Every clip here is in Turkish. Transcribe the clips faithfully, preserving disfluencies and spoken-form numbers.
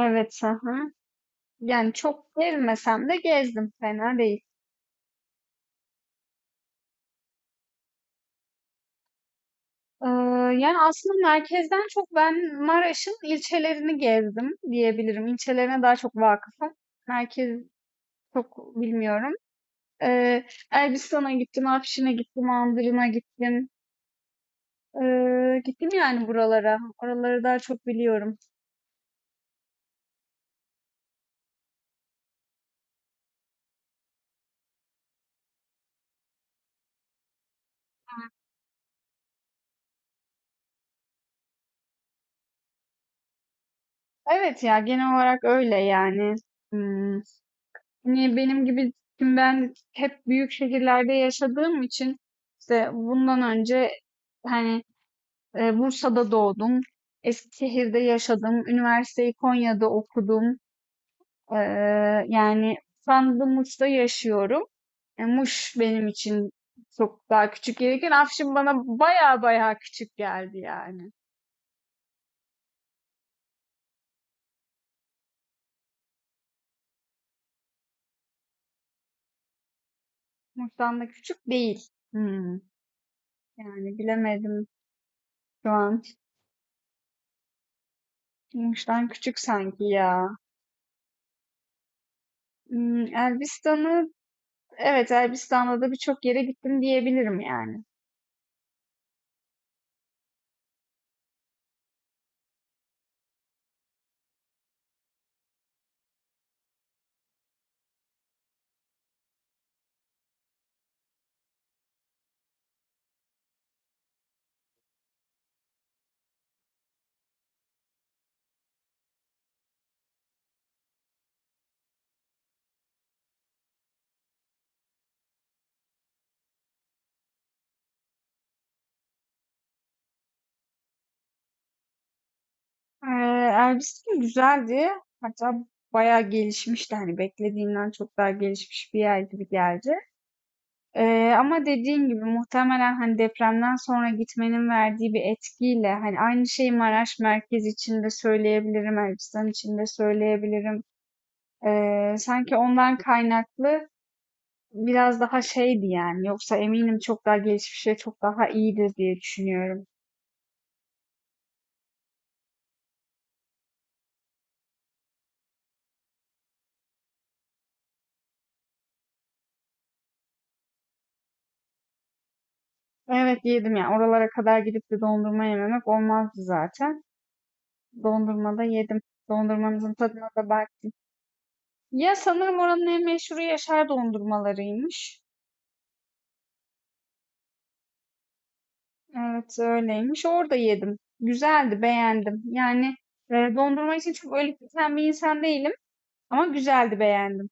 Evet, hı hı. Yani çok gezmesem de gezdim, fena değil. Ee, Yani aslında merkezden çok ben Maraş'ın ilçelerini gezdim diyebilirim. İlçelerine daha çok vakıfım. Merkez çok bilmiyorum. Ee, Elbistan'a gittim, Afşin'e gittim, Andırın'a gittim. Ee, gittim yani buralara. Oraları daha çok biliyorum. Evet ya genel olarak öyle yani. Hmm. Hani benim gibi, şimdi ben hep büyük şehirlerde yaşadığım için, işte bundan önce hani, e, Bursa'da doğdum, Eskişehir'de yaşadım, üniversiteyi Konya'da okudum. Eee, yani şu anda Muş'ta yaşıyorum. E, Muş benim için çok daha küçük gelirken Afşin bana baya baya küçük geldi yani. Muş'tan da küçük değil. Hmm, Yani bilemedim şu an. Muş'tan küçük sanki ya. Hmm, Elbistan'ı. Evet, Elbistan'da da birçok yere gittim diyebilirim yani. Ee, Elbistan güzeldi. Hatta bayağı gelişmişti. Hani beklediğimden çok daha gelişmiş bir yer gibi geldi. Ee, ama dediğin gibi muhtemelen hani depremden sonra gitmenin verdiği bir etkiyle, hani aynı şeyi Maraş merkez için de söyleyebilirim, Elbistan için de söyleyebilirim. Ee, sanki ondan kaynaklı biraz daha şeydi yani. Yoksa eminim çok daha gelişmiş ve çok daha iyidir diye düşünüyorum. Evet yedim ya. Oralara kadar gidip de dondurma yememek olmazdı zaten. Dondurma da yedim. Dondurmanızın tadına da baktım. Ya sanırım oranın en meşhuru Yaşar dondurmalarıymış. Evet öyleymiş. Orada yedim. Güzeldi, beğendim. Yani e, dondurma için çok öyle biten bir insan değilim, ama güzeldi, beğendim.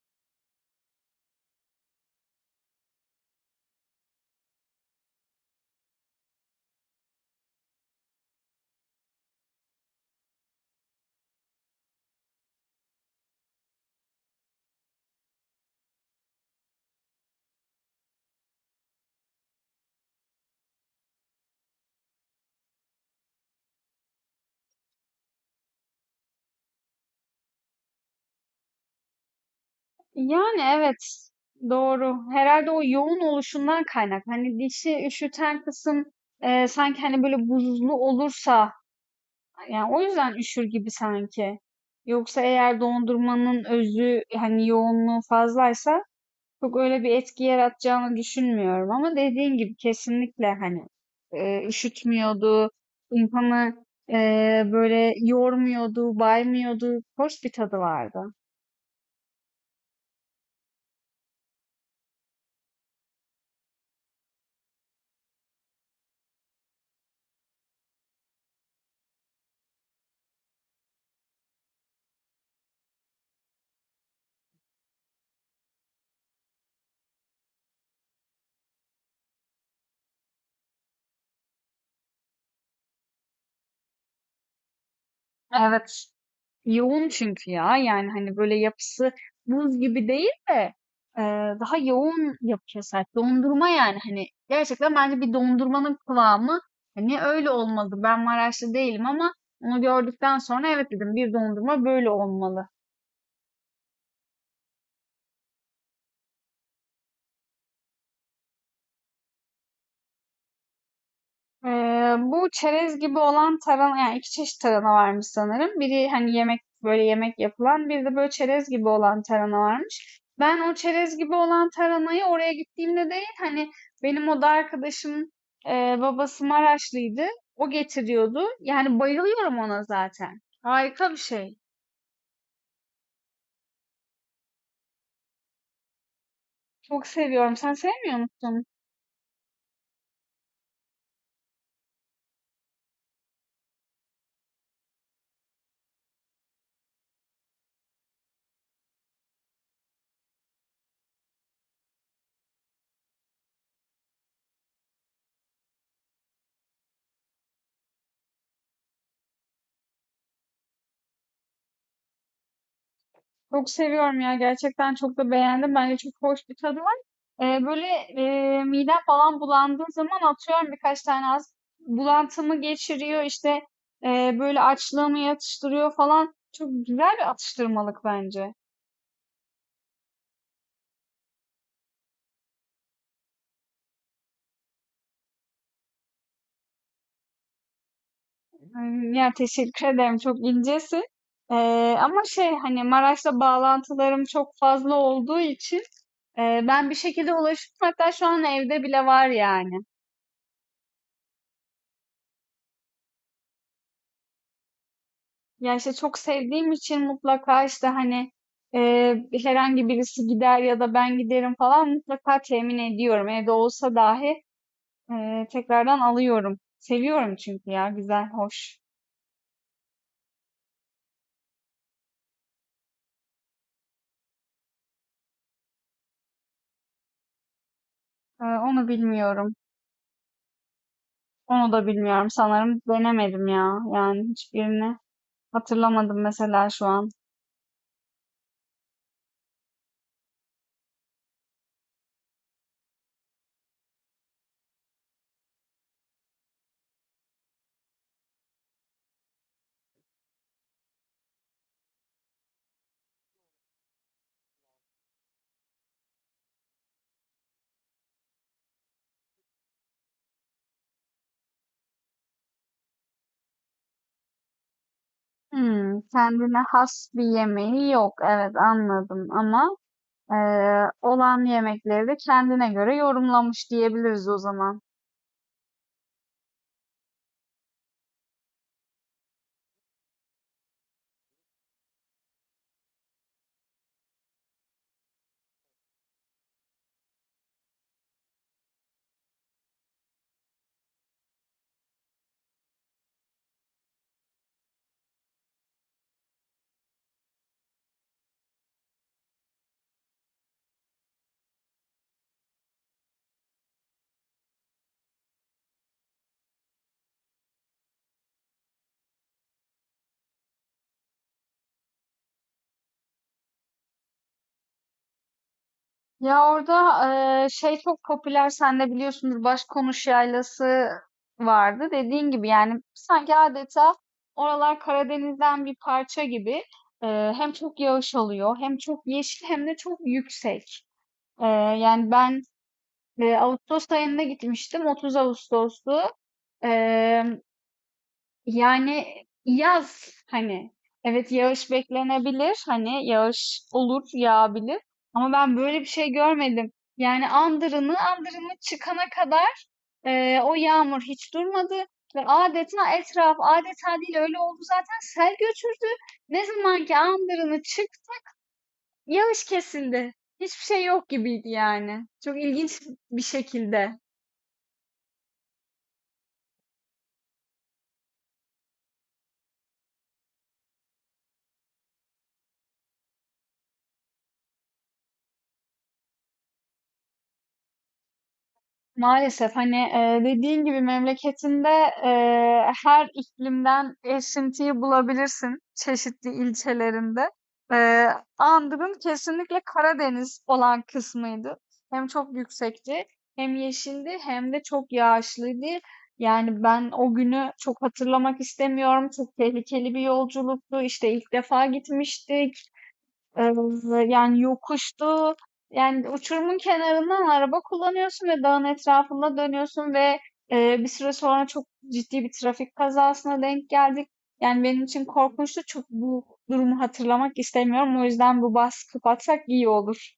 Yani evet, doğru. Herhalde o yoğun oluşundan kaynak. Hani dişi üşüten kısım, e, sanki hani böyle buzlu olursa, yani o yüzden üşür gibi sanki. Yoksa eğer dondurmanın özü, hani yoğunluğu fazlaysa, çok öyle bir etki yaratacağını düşünmüyorum. Ama dediğin gibi kesinlikle hani, e, üşütmüyordu, insanı e, böyle yormuyordu, baymıyordu, hoş bir tadı vardı. Evet. Yoğun çünkü ya. Yani hani böyle yapısı buz gibi değil de, e, daha yoğun yapıya sahip. Dondurma yani, hani gerçekten bence bir dondurmanın kıvamı hani öyle olmalı. Ben Maraşlı değilim ama onu gördükten sonra evet dedim, bir dondurma böyle olmalı. Eee, bu çerez gibi olan tarhana, yani iki çeşit tarhana varmış sanırım. Biri hani yemek, böyle yemek yapılan, bir de böyle çerez gibi olan tarhana varmış. Ben o çerez gibi olan tarhanayı oraya gittiğimde değil, hani benim oda arkadaşım, eee, babası Maraşlıydı. O getiriyordu. Yani bayılıyorum ona zaten. Harika bir şey. Çok seviyorum. Sen sevmiyor musun? Çok seviyorum ya. Gerçekten çok da beğendim. Bence çok hoş bir tadı var. Ee, böyle e, midem falan bulandığı zaman atıyorum birkaç tane, az bulantımı geçiriyor işte, e, böyle açlığımı yatıştırıyor falan. Çok güzel bir atıştırmalık bence. Hmm, Ya teşekkür ederim. Çok incesin. Ee, ama şey, hani Maraş'la bağlantılarım çok fazla olduğu için, e, ben bir şekilde ulaşıyorum. Hatta şu an evde bile var yani. Ya işte, çok sevdiğim için mutlaka, işte, hani, eee, herhangi birisi gider ya da ben giderim falan, mutlaka temin ediyorum. Evde olsa dahi, eee, tekrardan alıyorum. Seviyorum çünkü ya, güzel, hoş. Eee, onu bilmiyorum. Onu da bilmiyorum sanırım. Denemedim ya. Yani hiçbirini hatırlamadım mesela şu an. Hımm, kendine has bir yemeği yok. Evet, anladım, ama eee, olan yemekleri de kendine göre yorumlamış diyebiliriz o zaman. Ya orada eee, şey, çok popüler, sen de biliyorsunuz, Başkonuş Yaylası vardı. Dediğin gibi yani, sanki adeta oralar Karadeniz'den bir parça gibi. Eee, hem çok yağış oluyor, hem çok yeşil, hem de çok yüksek. Eee, Yani ben eee, Ağustos ayında gitmiştim, otuz Ağustos'tu. Yani yaz, hani evet yağış beklenebilir, hani yağış olur, yağabilir, ama ben böyle bir şey görmedim. Yani andırını andırını çıkana kadar eee, o yağmur hiç durmadı ve adeta etraf, adeta değil, öyle oldu zaten, sel götürdü. Ne zaman ki Andırını çık, yağış kesildi. Hiçbir şey yok gibiydi yani. Çok ilginç bir şekilde. Maalesef, hani, eee, dediğin gibi memleketinde, eee, her iklimden esintiyi bulabilirsin çeşitli ilçelerinde. Eee, Andığım kesinlikle Karadeniz olan kısmıydı. Hem çok yüksekti, hem yeşildi, hem de çok yağışlıydı. Yani ben o günü çok hatırlamak istemiyorum. Çok tehlikeli bir yolculuktu. İşte ilk defa gitmiştik. Eee, yani yokuştu. Yani uçurumun kenarından araba kullanıyorsun ve dağın etrafında dönüyorsun ve eee, bir süre sonra çok ciddi bir trafik kazasına denk geldik. Yani benim için korkunçtu. Çok bu durumu hatırlamak istemiyorum. O yüzden bu bahsi kapatsak iyi olur.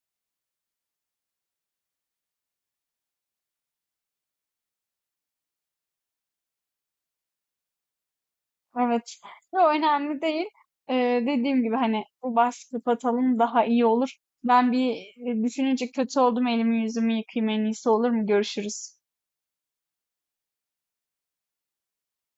Evet. Yo, önemli değil. Eee, dediğim gibi, hani bu bahsi kapatalım daha iyi olur. Ben bir, e, düşününce kötü oldum. Elimi yüzümü yıkayayım en iyisi, olur mu? Görüşürüz.